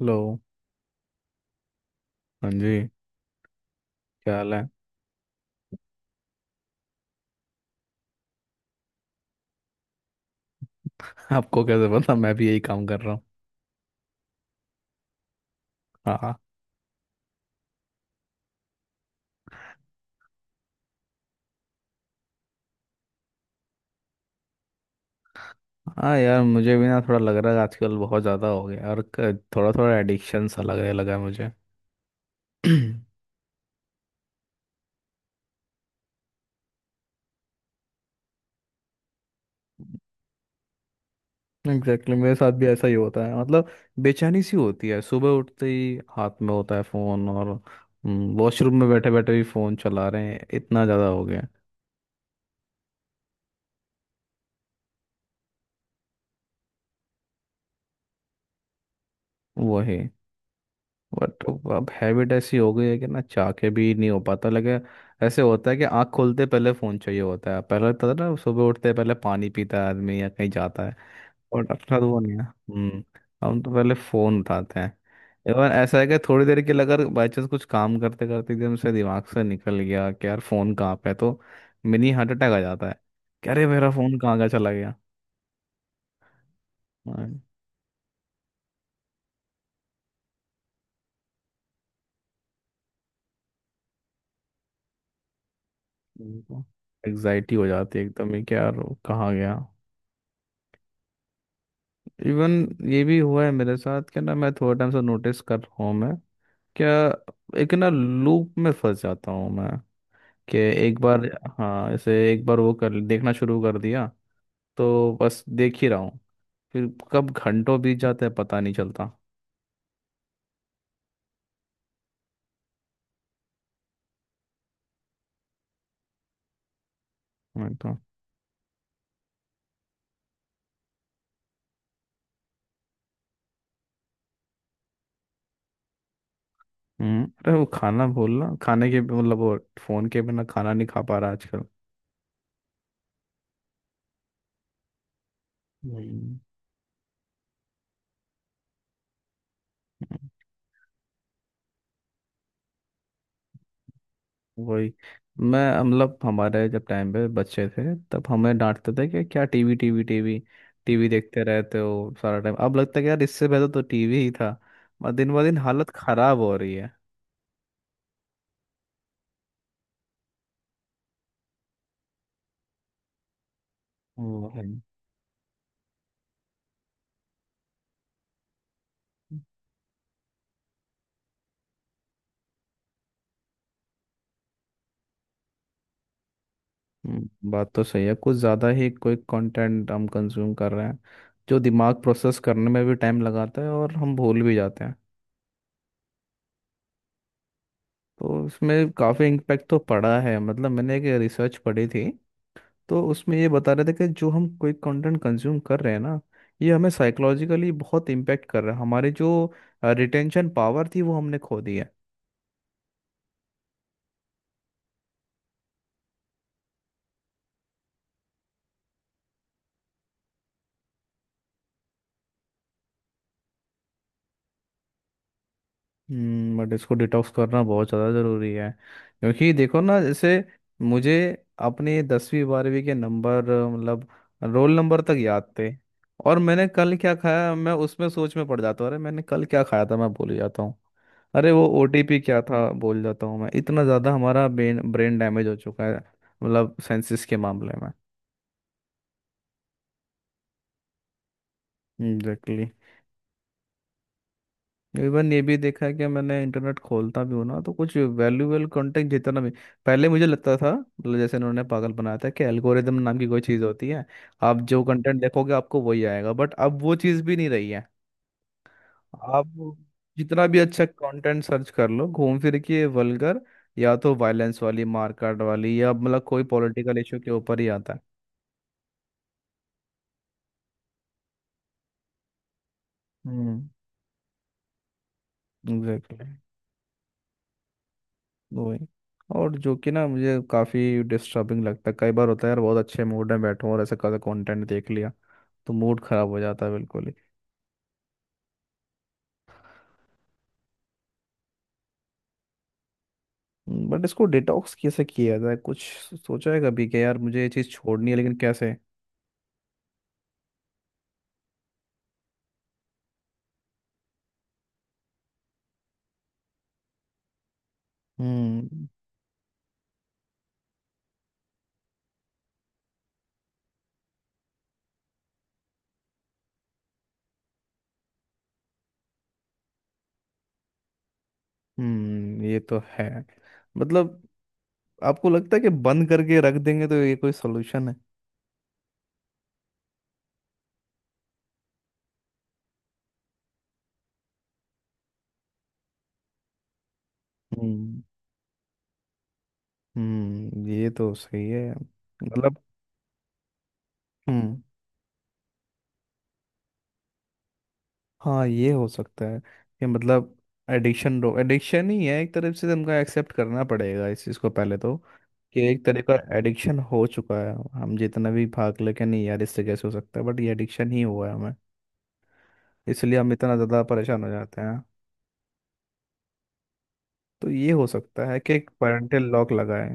Hello. हाँ जी। क्या हाल है? आपको कैसे पता मैं भी यही काम कर रहा हूँ। हाँ हाँ। हाँ यार मुझे भी ना थोड़ा लग रहा है, आजकल बहुत ज़्यादा हो गया और थोड़ा थोड़ा एडिक्शन सा लगने लगा है मुझे। एग्जैक्टली, मेरे साथ भी ऐसा ही होता है। मतलब बेचैनी सी होती है, सुबह उठते ही हाथ में होता है फ़ोन, और वॉशरूम में बैठे बैठे भी फ़ोन चला रहे हैं, इतना ज़्यादा हो गया है। वही। बट अब हैबिट ऐसी हो गई है कि ना चाह के भी नहीं हो पाता। लगे ऐसे होता है कि आंख खोलते पहले फोन चाहिए होता है, पहले तो ना सुबह उठते पहले पानी पीता है आदमी या कहीं जाता है, और अपना तो वो नहीं है। हम्म। हम तो पहले फोन उठाते हैं। इवन ऐसा है कि थोड़ी देर के लिए अगर बाई चांस कुछ काम करते करते एकदम से दिमाग से निकल गया कि यार फोन कहाँ पे है, तो मिनी हार्ट अटैक आ जाता है कि अरे मेरा फोन कहाँ गया, चला गया। एग्जाइटी हो जाती है एकदम ही कि यार वो कहाँ गया। इवन ये भी हुआ है मेरे साथ क्या ना, मैं थोड़ा टाइम से नोटिस कर रहा हूँ मैं क्या, एक ना लूप में फंस जाता हूँ मैं, कि एक बार हाँ जैसे एक बार वो कर देखना शुरू कर दिया तो बस देख ही रहा हूँ, फिर कब घंटों बीत जाते हैं पता नहीं चलता। मैं तो। हम्म, अरे वो खाना बोलना खाने के मतलब वो फोन के बिना खाना नहीं खा पा रहा आजकल। वही। हम्म। वही। मैं मतलब हमारे जब टाइम पे बच्चे थे तब हमें डांटते थे कि क्या टीवी टीवी टीवी टीवी देखते रहते हो सारा टाइम, अब लगता है कि यार इससे बेहतर तो टीवी ही था। मतलब दिन ब दिन हालत खराब हो रही है। वो है। बात तो सही है, कुछ ज़्यादा ही कोई कंटेंट हम कंज्यूम कर रहे हैं जो दिमाग प्रोसेस करने में भी टाइम लगाता है, और हम भूल भी जाते हैं। तो इसमें काफ़ी इम्पैक्ट तो पड़ा है। मतलब मैंने एक रिसर्च पढ़ी थी, तो उसमें ये बता रहे थे कि जो हम कोई कंटेंट कंज्यूम कर रहे हैं ना, ये हमें साइकोलॉजिकली बहुत इम्पेक्ट कर रहा है। हमारी जो रिटेंशन पावर थी वो हमने खो दी है। हम्म। बट इसको डिटॉक्स करना बहुत ज़्यादा ज़रूरी है, क्योंकि देखो ना, जैसे मुझे अपने 10वीं 12वीं के नंबर, मतलब रोल नंबर तक याद थे। और मैंने कल क्या खाया, मैं उसमें सोच में पड़ जाता हूँ, अरे मैंने कल क्या खाया था, मैं भूल जाता हूँ। अरे वो ओटीपी क्या था भूल जाता हूँ। मैं इतना ज़्यादा हमारा ब्रेन ब्रेन डैमेज हो चुका है, मतलब सेंसिस के मामले में। एग्जैक्टली। इवन ये भी देखा है कि मैंने इंटरनेट खोलता भी हूँ ना, तो कुछ वैल्यूएबल कंटेंट जितना भी, पहले मुझे लगता था मतलब जैसे इन्होंने पागल बनाया था कि एल्गोरिदम नाम की कोई चीज़ होती है, आप जो कंटेंट देखोगे आपको वही आएगा, बट अब वो चीज़ भी नहीं रही है। आप जितना भी अच्छा कंटेंट सर्च कर लो, घूम फिर के वल्गर, या तो वायलेंस वाली मारकाट वाली, या मतलब कोई पॉलिटिकल इशू के ऊपर ही आता है। हम्म। एग्जैक्टली। वही। और जो कि ना मुझे काफ़ी डिस्टर्बिंग लगता है, कई बार होता है यार बहुत अच्छे मूड में बैठूं और ऐसा कैसा कंटेंट देख लिया, तो मूड खराब हो जाता है बिल्कुल ही। बट इसको डिटॉक्स कैसे किया जाए? कुछ सोचा है कभी कि यार मुझे ये चीज़ छोड़नी है, लेकिन कैसे? हम्म। हम्म, ये तो है। मतलब आपको लगता है कि बंद करके रख देंगे तो ये कोई सोल्यूशन है? हम्म। हम्म, ये तो सही है। मतलब। हम्म। हाँ, ये हो सकता है कि, मतलब एडिक्शन रो एडिक्शन ही है, एक तरफ से तुमको एक्सेप्ट करना पड़ेगा इस चीज़ को पहले तो, कि एक तरह का एडिक्शन हो चुका है। हम जितना भी भाग ले के, नहीं यार इससे कैसे हो सकता है, बट ये एडिक्शन ही हुआ है हमें, इसलिए हम इतना ज़्यादा परेशान हो जाते हैं। तो ये हो सकता है कि एक पेरेंटल लॉक लगाए।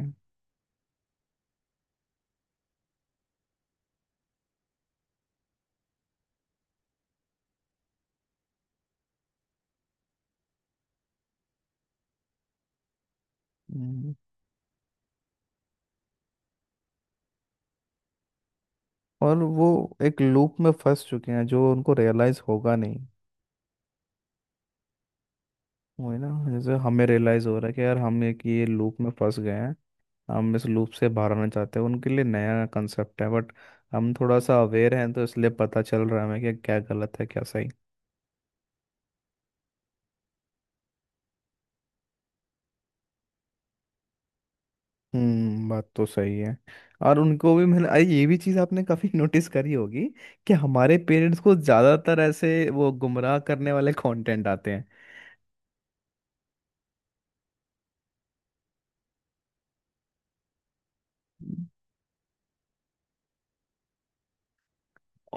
हम्म, और वो एक लूप में फंस चुके हैं जो उनको रियलाइज़ होगा नहीं। वही ना, जैसे हमें रियलाइज़ हो रहा है कि यार हम एक ये लूप में फंस गए हैं, हम इस लूप से बाहर आना चाहते हैं, उनके लिए नया कंसेप्ट है। बट हम थोड़ा सा अवेयर हैं, तो इसलिए पता चल रहा है हमें कि क्या गलत है क्या सही। हम्म, बात तो सही है। और उनको भी मैंने, अरे ये भी चीज़ आपने काफ़ी नोटिस करी होगी, कि हमारे पेरेंट्स को ज़्यादातर ऐसे वो गुमराह करने वाले कंटेंट आते हैं।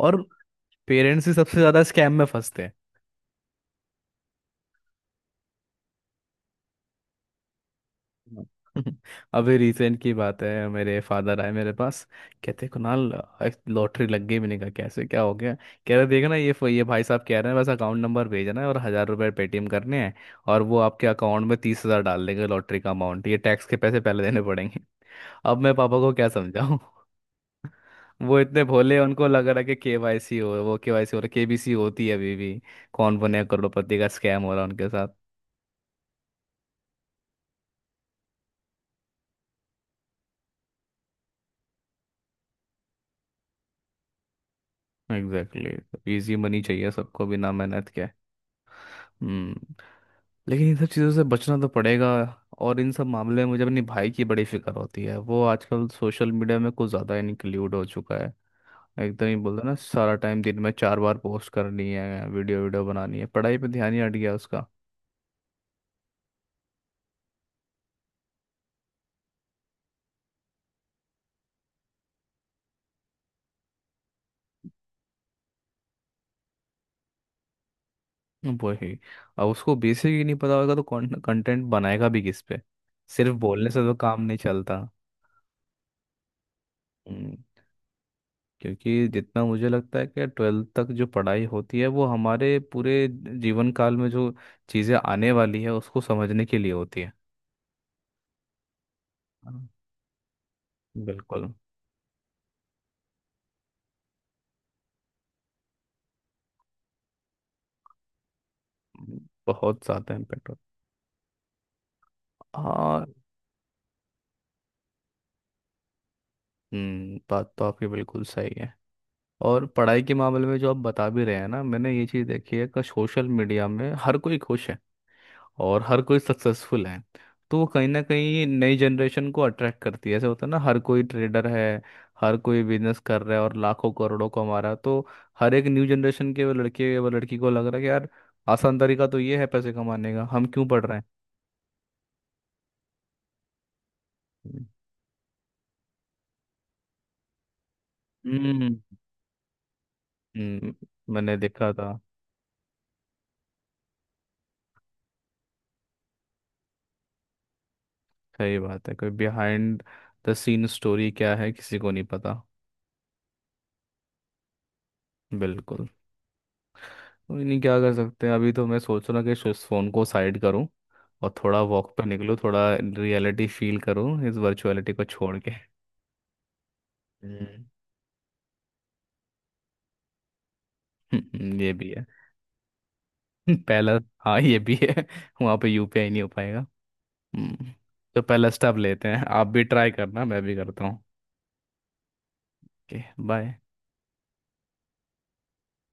और पेरेंट्स ही सबसे ज़्यादा स्कैम में फंसते हैं। हाँ। अभी रिसेंट की बात है, मेरे फादर आए मेरे पास, कहते कुणाल लॉटरी लग गई। मैंने कहा कैसे, क्या हो गया? कह रहे देखना ये भाई साहब कह रहे हैं बस अकाउंट नंबर भेजना है और हजार रुपए पेटीएम करने हैं, और वो आपके अकाउंट में 30,000 डाल देंगे, लॉटरी का अमाउंट, ये टैक्स के पैसे पहले देने पड़ेंगे। अब मैं पापा को क्या समझाऊं? वो इतने भोले, उनको लग रहा है कि केवाईसी हो, वो केवाईसी हो रहा, केबीसी होती है अभी भी, कौन बने करोड़पति का स्कैम हो रहा है उनके साथ। Exactly exactly. इजी मनी चाहिए सबको, बिना मेहनत के। हम्म। लेकिन इन सब चीज़ों से बचना तो पड़ेगा। और इन सब मामले में मुझे अपने भाई की बड़ी फिक्र होती है, वो आजकल सोशल मीडिया में कुछ ज़्यादा इंक्लूड हो चुका है। एकदम ही बोलते हैं ना, सारा टाइम दिन में 4 बार पोस्ट करनी है, वीडियो वीडियो बनानी है, पढ़ाई पे ध्यान ही हट गया उसका। वही। अब उसको बेसिक ही नहीं पता होगा तो कंटेंट बनाएगा भी किस पे? सिर्फ बोलने से तो काम नहीं चलता। हम्म, क्योंकि जितना मुझे लगता है कि 12वीं तक जो पढ़ाई होती है, वो हमारे पूरे जीवन काल में जो चीज़ें आने वाली है उसको समझने के लिए होती है। बिल्कुल। बहुत ज्यादा इम्पेक्ट होता, हाँ। हम्म, बात तो आपकी बिल्कुल सही है। और पढ़ाई के मामले में जो आप बता भी रहे हैं ना, मैंने ये चीज़ देखी है कि सोशल मीडिया में हर कोई खुश है और हर कोई सक्सेसफुल है, तो वो कहीं ना कहीं नई जनरेशन को अट्रैक्ट करती है। ऐसे होता है ना, हर कोई ट्रेडर है, हर कोई बिजनेस कर रहा है और लाखों करोड़ों कमा रहा है, तो हर एक न्यू जनरेशन के वो लड़के वो लड़की को लग रहा है कि यार आसान तरीका तो ये है पैसे कमाने का, हम क्यों पढ़ रहे हैं। हम्म। हम्म, मैंने देखा था। सही बात है, कोई बिहाइंड द सीन स्टोरी क्या है किसी को नहीं पता। बिल्कुल। कोई नहीं, क्या कर सकते हैं, अभी तो मैं सोच रहा कि इस फोन को साइड करूं, और थोड़ा वॉक पे निकलूं, थोड़ा रियलिटी फील करूं इस वर्चुअलिटी को छोड़ के। हम्म। ये भी है। पहला, हाँ ये भी है। वहाँ पे यूपीआई नहीं हो पाएगा। हम्म। तो पहला स्टेप लेते हैं, आप भी ट्राई करना, मैं भी करता हूँ। ओके। बाय।